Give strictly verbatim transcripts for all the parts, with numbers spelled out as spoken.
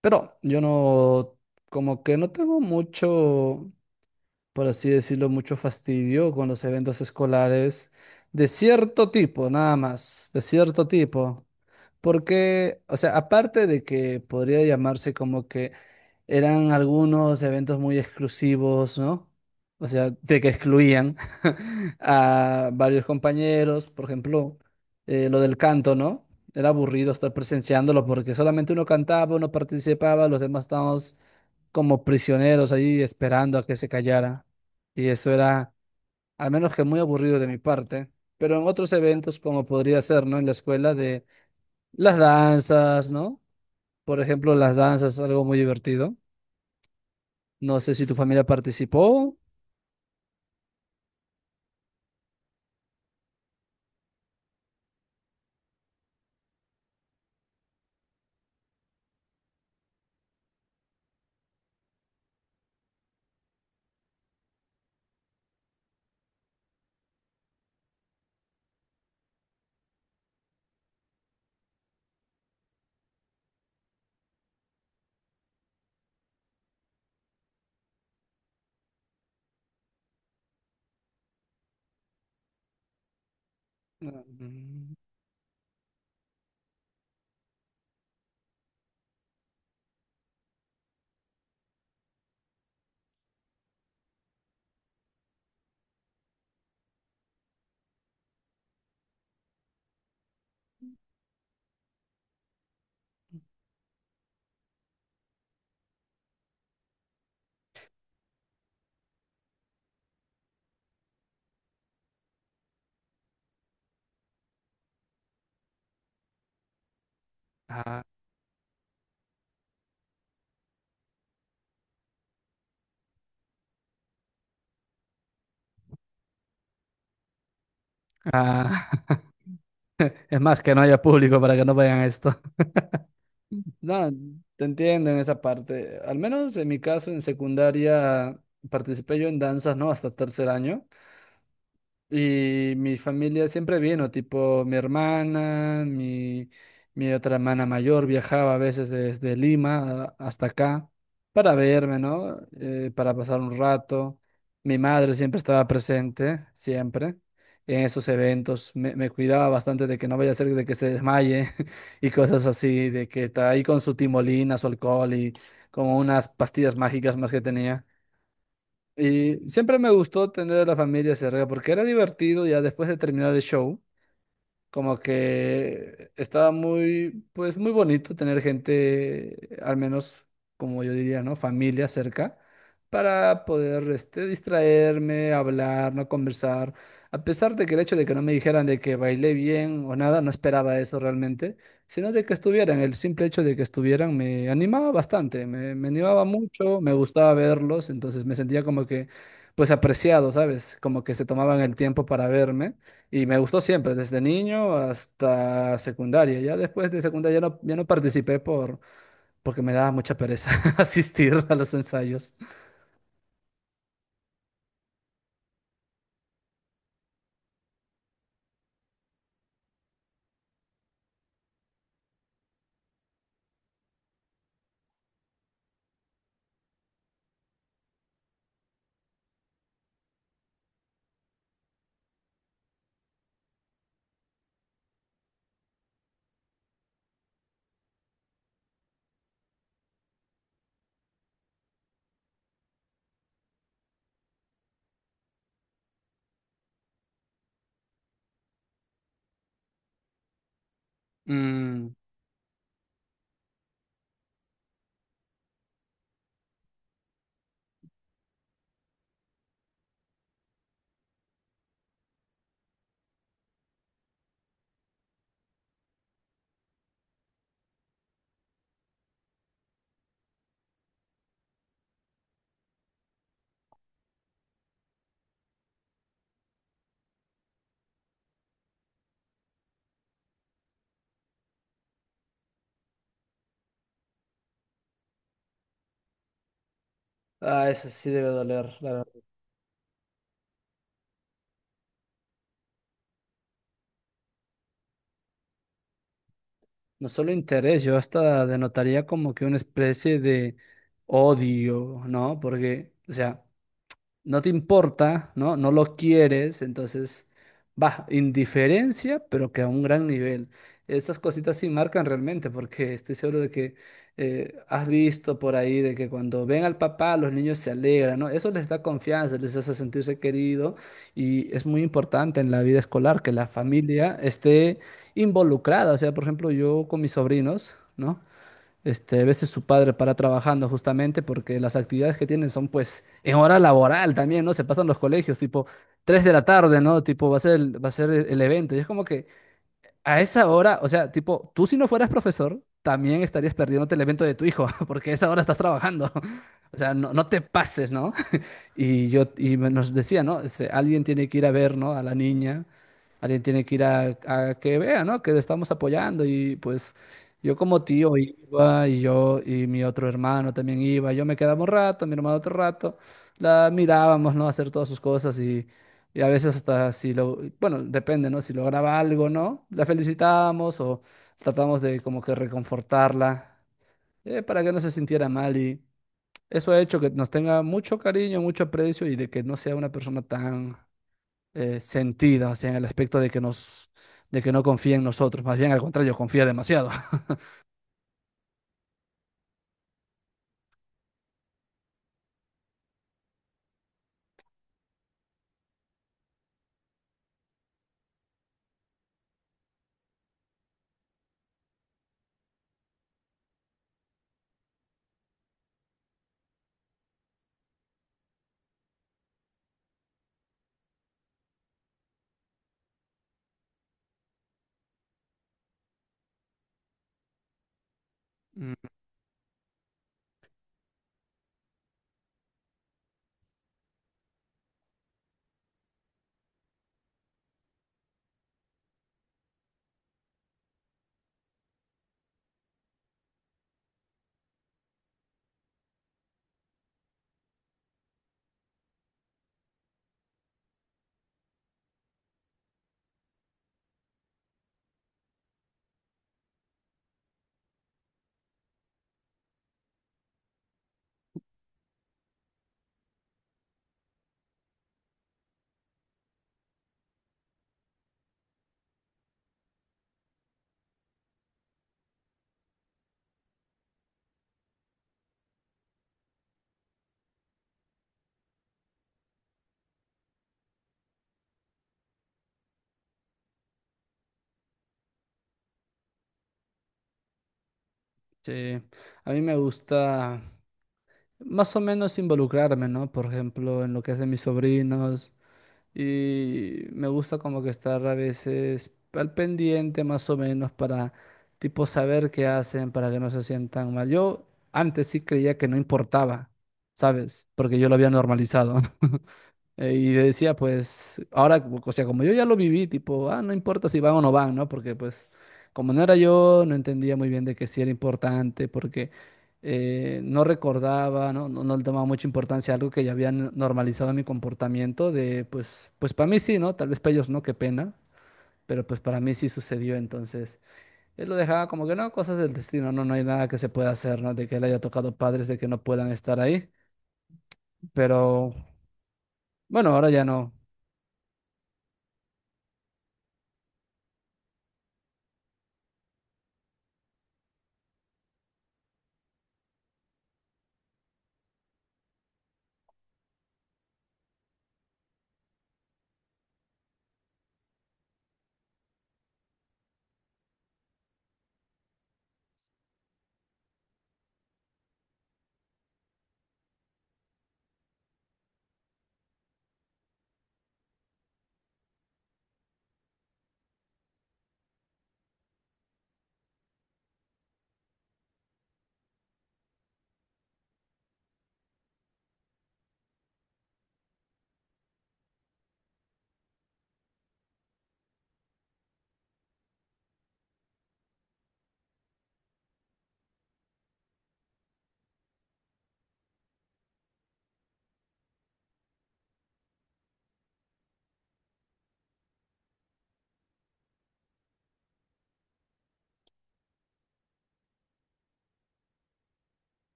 Pero yo no, como que no tengo mucho por así decirlo, mucho fastidio con los eventos escolares de cierto tipo, nada más, de cierto tipo. Porque, o sea, aparte de que podría llamarse como que eran algunos eventos muy exclusivos, ¿no? O sea, de que excluían a varios compañeros, por ejemplo, eh, lo del canto, ¿no? Era aburrido estar presenciándolo porque solamente uno cantaba, uno participaba, los demás estábamos como prisioneros ahí esperando a que se callara. Y eso era, al menos que muy aburrido de mi parte, pero en otros eventos, como podría ser, ¿no? En la escuela de las danzas, ¿no? Por ejemplo, las danzas es algo muy divertido. No sé si tu familia participó. Mm. Ah, ah. Es más, que no haya público para que no vayan a esto. No, te entiendo en esa parte. Al menos en mi caso, en secundaria, participé yo en danzas, ¿no? Hasta tercer año. Y mi familia siempre vino, tipo mi hermana, mi, mi otra hermana mayor viajaba a veces desde Lima a- hasta acá para verme, ¿no? Eh, para pasar un rato. Mi madre siempre estaba presente, siempre, en esos eventos. Me, me cuidaba bastante de que no vaya a ser de que se desmaye y cosas así, de que está ahí con su timolina, su alcohol y como unas pastillas mágicas más que tenía. Y siempre me gustó tener a la familia cerca porque era divertido ya después de terminar el show. Como que estaba muy, pues muy bonito tener gente, al menos como yo diría, ¿no? Familia cerca, para poder este, distraerme, hablar, no conversar. A pesar de que el hecho de que no me dijeran de que bailé bien o nada, no esperaba eso realmente, sino de que estuvieran, el simple hecho de que estuvieran me animaba bastante, me, me animaba mucho, me gustaba verlos, entonces me sentía como que, pues apreciado, ¿sabes? Como que se tomaban el tiempo para verme. Y me gustó siempre, desde niño hasta secundaria. Ya después de secundaria ya no, ya no participé por, porque me daba mucha pereza asistir a los ensayos. Mm. Ah, eso sí debe doler, la verdad. No solo interés, yo hasta denotaría como que una especie de odio, ¿no? Porque, o sea, no te importa, ¿no? No lo quieres, entonces, va, indiferencia, pero que a un gran nivel. Esas cositas sí marcan realmente, porque estoy seguro de que eh, has visto por ahí de que cuando ven al papá, los niños se alegran, ¿no? Eso les da confianza, les hace sentirse querido y es muy importante en la vida escolar que la familia esté involucrada. O sea, por ejemplo, yo con mis sobrinos, ¿no? Este, a veces su padre para trabajando justamente porque las actividades que tienen son pues en hora laboral también, ¿no? Se pasan los colegios, tipo tres de la tarde, ¿no? Tipo va a ser el, va a ser el el evento. Y es como que a esa hora, o sea, tipo, tú si no fueras profesor, también estarías perdiéndote el evento de tu hijo, porque a esa hora estás trabajando. O sea, no, no te pases, ¿no? Y yo y me- nos decía, ¿no? Dice, alguien tiene que ir a ver, ¿no? A la niña, alguien tiene que ir a, a que vea, ¿no? Que le estamos apoyando y pues yo como tío iba y yo y mi otro hermano también iba, yo me quedaba un rato, mi hermano otro rato, la mirábamos, ¿no? Hacer todas sus cosas y, y, a veces hasta si lo, bueno, depende, ¿no? Si lograba algo, ¿no? La felicitábamos o tratamos de como que reconfortarla, eh, para que no se sintiera mal y eso ha hecho que nos tenga mucho cariño, mucho aprecio y de que no sea una persona tan eh, sentida, o sea, en el aspecto de que nos, de que no confía en nosotros. Más bien, al contrario, confía demasiado. Mm. Sí, a mí me gusta más o menos involucrarme, ¿no? Por ejemplo, en lo que hacen mis sobrinos, y me gusta como que estar a veces al pendiente más o menos para tipo saber qué hacen para que no se sientan mal. Yo antes sí creía que no importaba, ¿sabes? Porque yo lo había normalizado. Eh, Y yo decía, pues, ahora, o sea, como yo ya lo viví, tipo, ah, no importa si van o no van, ¿no? Porque, pues, como no era yo, no entendía muy bien de que sí era importante, porque eh, no recordaba, ¿no? No, no le tomaba mucha importancia a algo que ya habían normalizado en mi comportamiento, de, pues, pues para mí sí, ¿no? Tal vez para ellos no, qué pena, pero pues para mí sí sucedió, entonces, él lo dejaba como que, no, cosas del destino, no, no hay nada que se pueda hacer, ¿no? De que él haya tocado padres, de que no puedan estar ahí, pero, bueno, ahora ya no.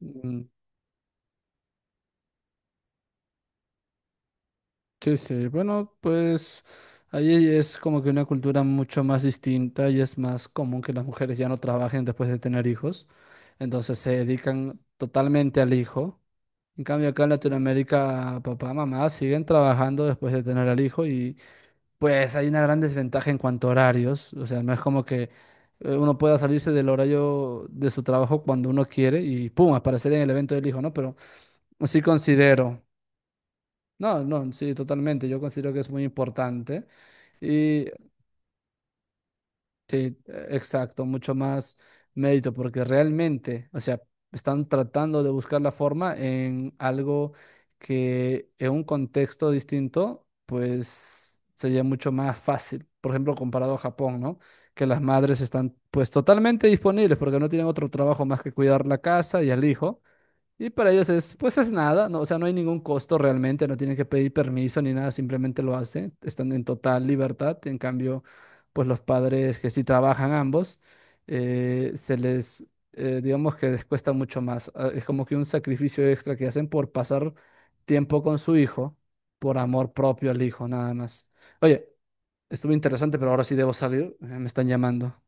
Ujú. Sí, sí, bueno, pues ahí es como que una cultura mucho más distinta y es más común que las mujeres ya no trabajen después de tener hijos, entonces se dedican totalmente al hijo. En cambio acá en Latinoamérica, papá, mamá siguen trabajando después de tener al hijo y pues hay una gran desventaja en cuanto a horarios, o sea, no es como que eh, uno pueda salirse del horario de su trabajo cuando uno quiere y pum, aparecer en el evento del hijo, ¿no? Pero sí considero. No, no, sí, totalmente. Yo considero que es muy importante. Y sí, eh, exacto, mucho más mérito, porque realmente, o sea, están tratando de buscar la forma en algo que en un contexto distinto, pues sería mucho más fácil. Por ejemplo, comparado a Japón, ¿no? Que las madres están pues totalmente disponibles porque no tienen otro trabajo más que cuidar la casa y al hijo. Y para ellos es, pues es nada, no, o sea, no hay ningún costo realmente, no tienen que pedir permiso ni nada, simplemente lo hacen, están en total libertad. En cambio, pues los padres que sí trabajan ambos, eh, se les, eh, digamos que les cuesta mucho más. ah, Es como que un sacrificio extra que hacen por pasar tiempo con su hijo, por amor propio al hijo, nada más. Oye, estuvo interesante, pero ahora sí debo salir, eh, me están llamando.